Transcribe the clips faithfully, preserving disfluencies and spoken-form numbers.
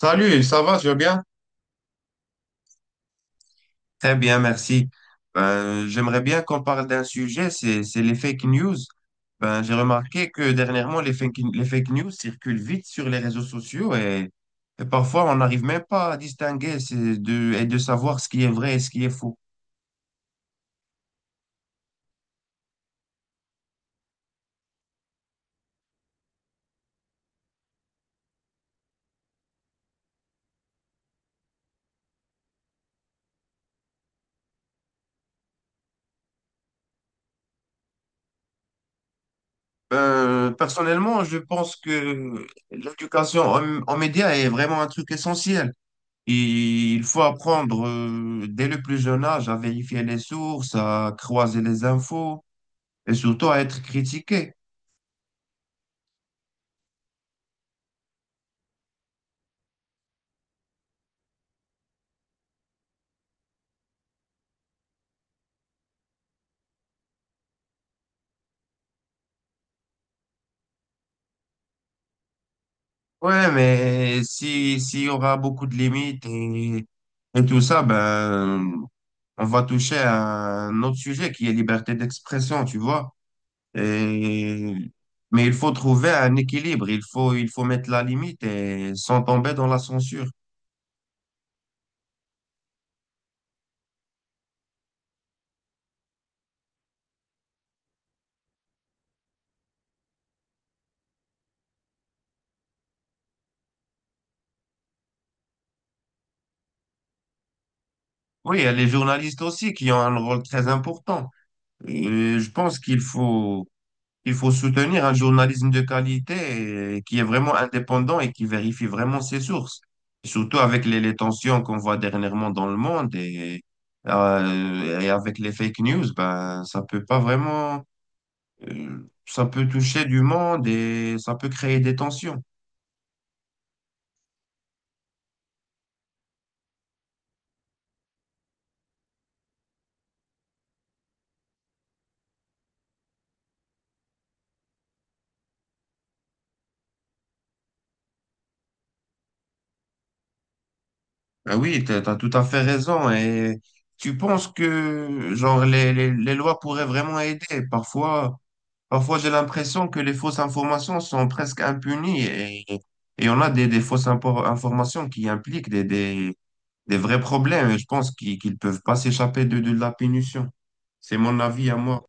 Salut, ça va, tu vas bien? Très bien, merci. Ben, j'aimerais bien qu'on parle d'un sujet, c'est, c'est les fake news. Ben, j'ai remarqué que dernièrement, les fake, les fake news circulent vite sur les réseaux sociaux et, et parfois, on n'arrive même pas à distinguer ces deux, et de savoir ce qui est vrai et ce qui est faux. Ben, personnellement, je pense que l'éducation en, en médias est vraiment un truc essentiel. Il faut apprendre euh, dès le plus jeune âge à vérifier les sources, à croiser les infos et surtout à être critiqué. Ouais, mais si, s'il y aura beaucoup de limites et, et tout ça, ben, on va toucher à un autre sujet qui est liberté d'expression, tu vois. Et, mais il faut trouver un équilibre. Il faut, il faut mettre la limite et sans tomber dans la censure. Oui, il y a les journalistes aussi qui ont un rôle très important. Et je pense qu'il faut, il faut soutenir un journalisme de qualité et qui est vraiment indépendant et qui vérifie vraiment ses sources. Surtout avec les, les tensions qu'on voit dernièrement dans le monde et, euh, et avec les fake news, ben, ça peut pas vraiment, euh, ça peut toucher du monde et ça peut créer des tensions. Ah oui, t'as, t'as tout à fait raison. Et tu penses que, genre, les, les, les lois pourraient vraiment aider. Parfois, Parfois, j'ai l'impression que les fausses informations sont presque impunies et, et on a des, des fausses impor- informations qui impliquent des, des, des vrais problèmes et je pense qu'ils qu'ils peuvent pas s'échapper de, de la punition. C'est mon avis à moi.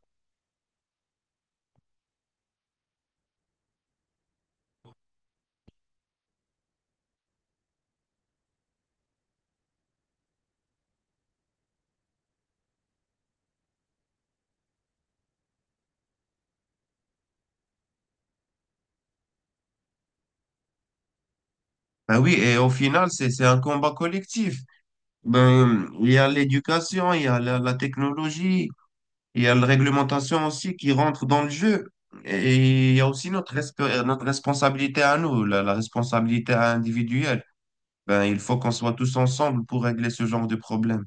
Ben oui, et au final, c'est, c'est un combat collectif. Ben, il y a l'éducation, il y a la, la technologie, il y a la réglementation aussi qui rentre dans le jeu. Et il y a aussi notre, resp- notre responsabilité à nous, la la responsabilité individuelle. Ben, il faut qu'on soit tous ensemble pour régler ce genre de problème.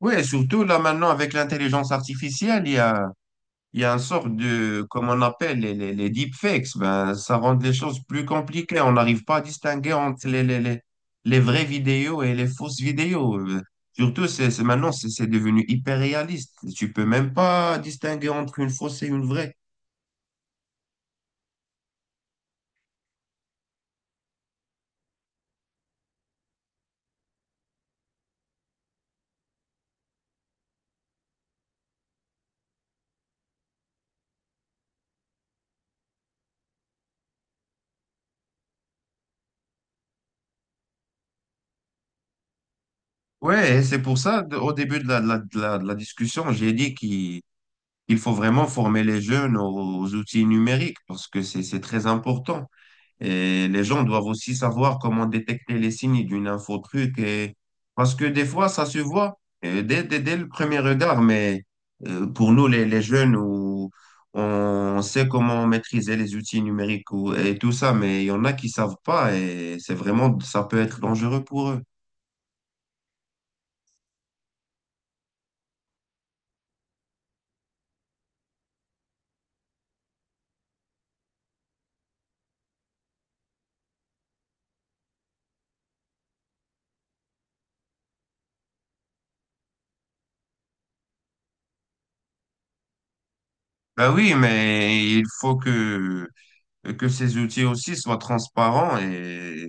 Oui, et surtout là maintenant avec l'intelligence artificielle, il y a, il y a un sort de, comme on appelle les, les, les deepfakes. Ben, ça rend les choses plus compliquées. On n'arrive pas à distinguer entre les, les, les, les vraies vidéos et les fausses vidéos. Euh, Surtout, c'est, c'est- maintenant, c'est c'est devenu hyper réaliste. Tu peux même pas distinguer entre une fausse et une vraie. Ouais, et c'est pour ça, de- au début de la, de la, de la, de la discussion, j'ai dit qu'il il faut vraiment former les jeunes aux outils numériques parce que c'est, c'est très important. Et les gens doivent aussi savoir comment détecter les signes d'une infotruc et parce que des fois, ça se voit euh, dès, dès, dès le premier regard, mais euh, pour nous, les, les jeunes, où on sait comment maîtriser les outils numériques ou- et tout ça, mais il y en a qui savent pas et c'est vraiment, ça peut être dangereux pour eux. Ben oui, mais il faut que, que ces outils aussi soient transparents et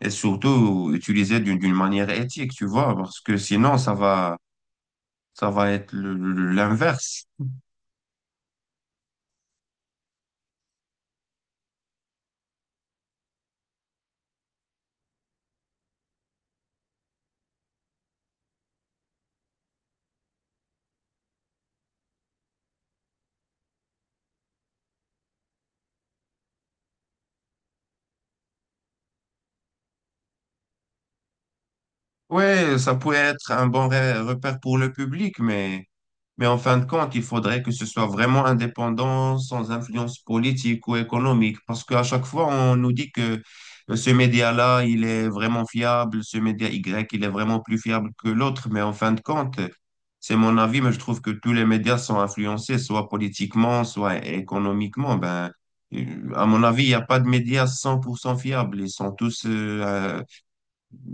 et surtout utiliser d'une d'une manière éthique, tu vois, parce que sinon ça va ça va être le- le- l'inverse. Ouais, ça pourrait être un bon re- repère pour le public, mais, mais en fin de compte, il faudrait que ce soit vraiment indépendant, sans influence politique ou économique, parce qu'à chaque fois, on nous dit que euh, ce média-là, il est vraiment fiable, ce média Y, il est vraiment plus fiable que l'autre, mais en fin de compte, c'est mon avis, mais je trouve que tous les médias sont influencés, soit politiquement, soit économiquement. Ben, euh, à mon avis, il n'y a pas de médias cent pour cent fiables, ils sont tous euh, euh,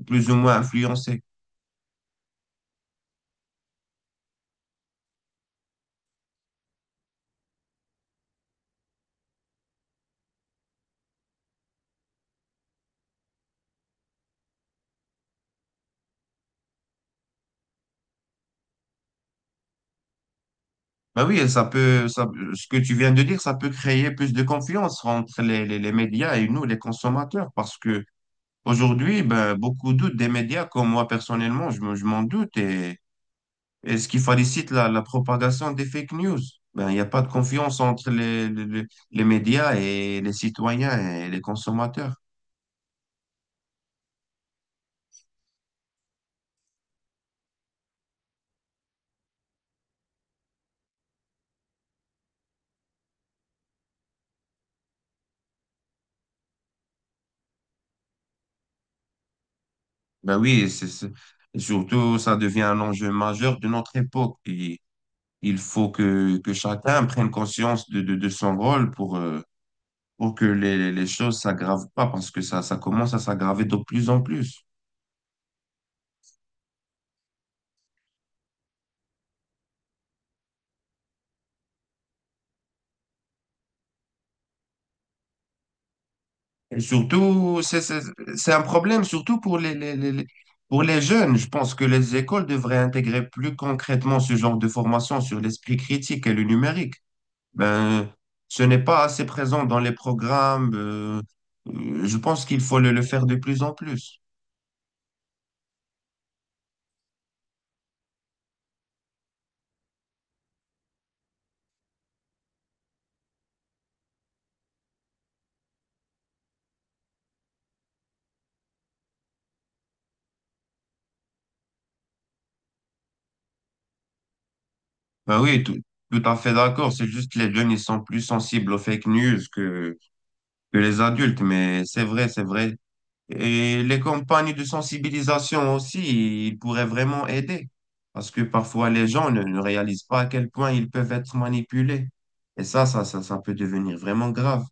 plus ou moins influencés. Bah oui, ça peut, ça, ce que tu viens de dire, ça peut créer plus de confiance entre les, les, les médias et nous, les consommateurs, parce que aujourd'hui, ben, beaucoup doutent des médias, comme moi personnellement, je, me- je m'en doute, et, et ce qui facilite la, la propagation des fake news. Ben, il n'y a pas de confiance entre les, les, les les médias et les citoyens et les consommateurs. Ben oui, c'est, c'est- et surtout, ça devient un enjeu majeur de notre époque. Et il faut que, que chacun prenne conscience de, de, de son rôle pour... euh, pour que les, les choses s'aggravent pas parce que ça, ça commence à s'aggraver de plus en plus. Et surtout, c'est c'est- c'est un problème, surtout pour les, les, les- les- pour les jeunes. Je pense que les écoles devraient intégrer plus concrètement ce genre de formation sur l'esprit critique et le numérique. Ben, ce n'est pas assez présent dans les programmes. Euh, euh, je pense qu'il faut le, le faire de plus en plus. Ben oui, tout, tout à fait d'accord. C'est juste que les jeunes, ils sont plus sensibles aux fake news que, que les adultes. Mais c'est vrai, c'est vrai. Et les campagnes de sensibilisation aussi, ils pourraient vraiment aider. Parce que parfois, les gens ne, ne réalisent pas à quel point ils peuvent être manipulés. Et ça, ça, ça, ça peut devenir vraiment grave.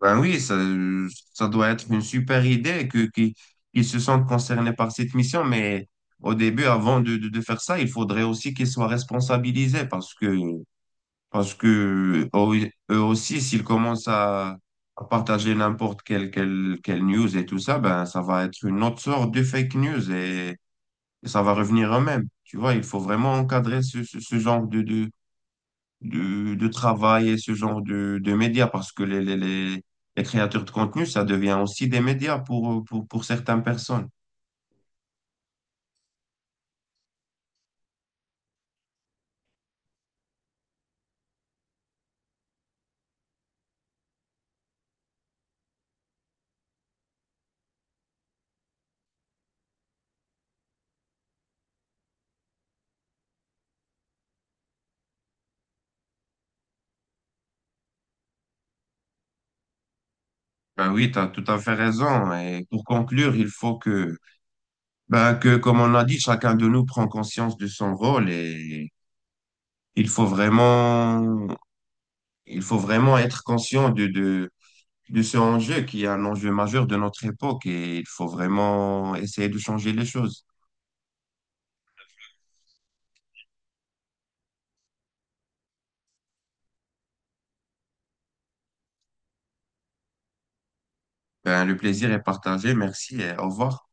Ben oui, ça, ça doit être une super idée que, qu'ils, qu'ils se sentent concernés par cette mission. Mais au début, avant de, de, de faire ça, il faudrait aussi qu'ils soient responsabilisés parce que parce que eux eux aussi, s'ils commencent à, à partager n'importe quelle, quelle, quelle news et tout ça, ben, ça va être une autre sorte de fake news et, et ça va revenir eux-mêmes. Tu vois, il faut vraiment encadrer ce, ce, ce genre de, de, de, de travail et ce genre de, de médias parce que les, les, les, les créateurs de contenu, ça devient aussi des médias pour, pour, pour certaines personnes. Ben oui, tu as tout à fait raison. Et pour conclure, il faut que, ben, que, comme on a dit, chacun de nous prend conscience de son rôle et il faut vraiment, il faut vraiment être conscient de, de, de ce enjeu qui est un enjeu majeur de notre époque et il faut vraiment essayer de changer les choses. Ben, le plaisir est partagé. Merci et au revoir.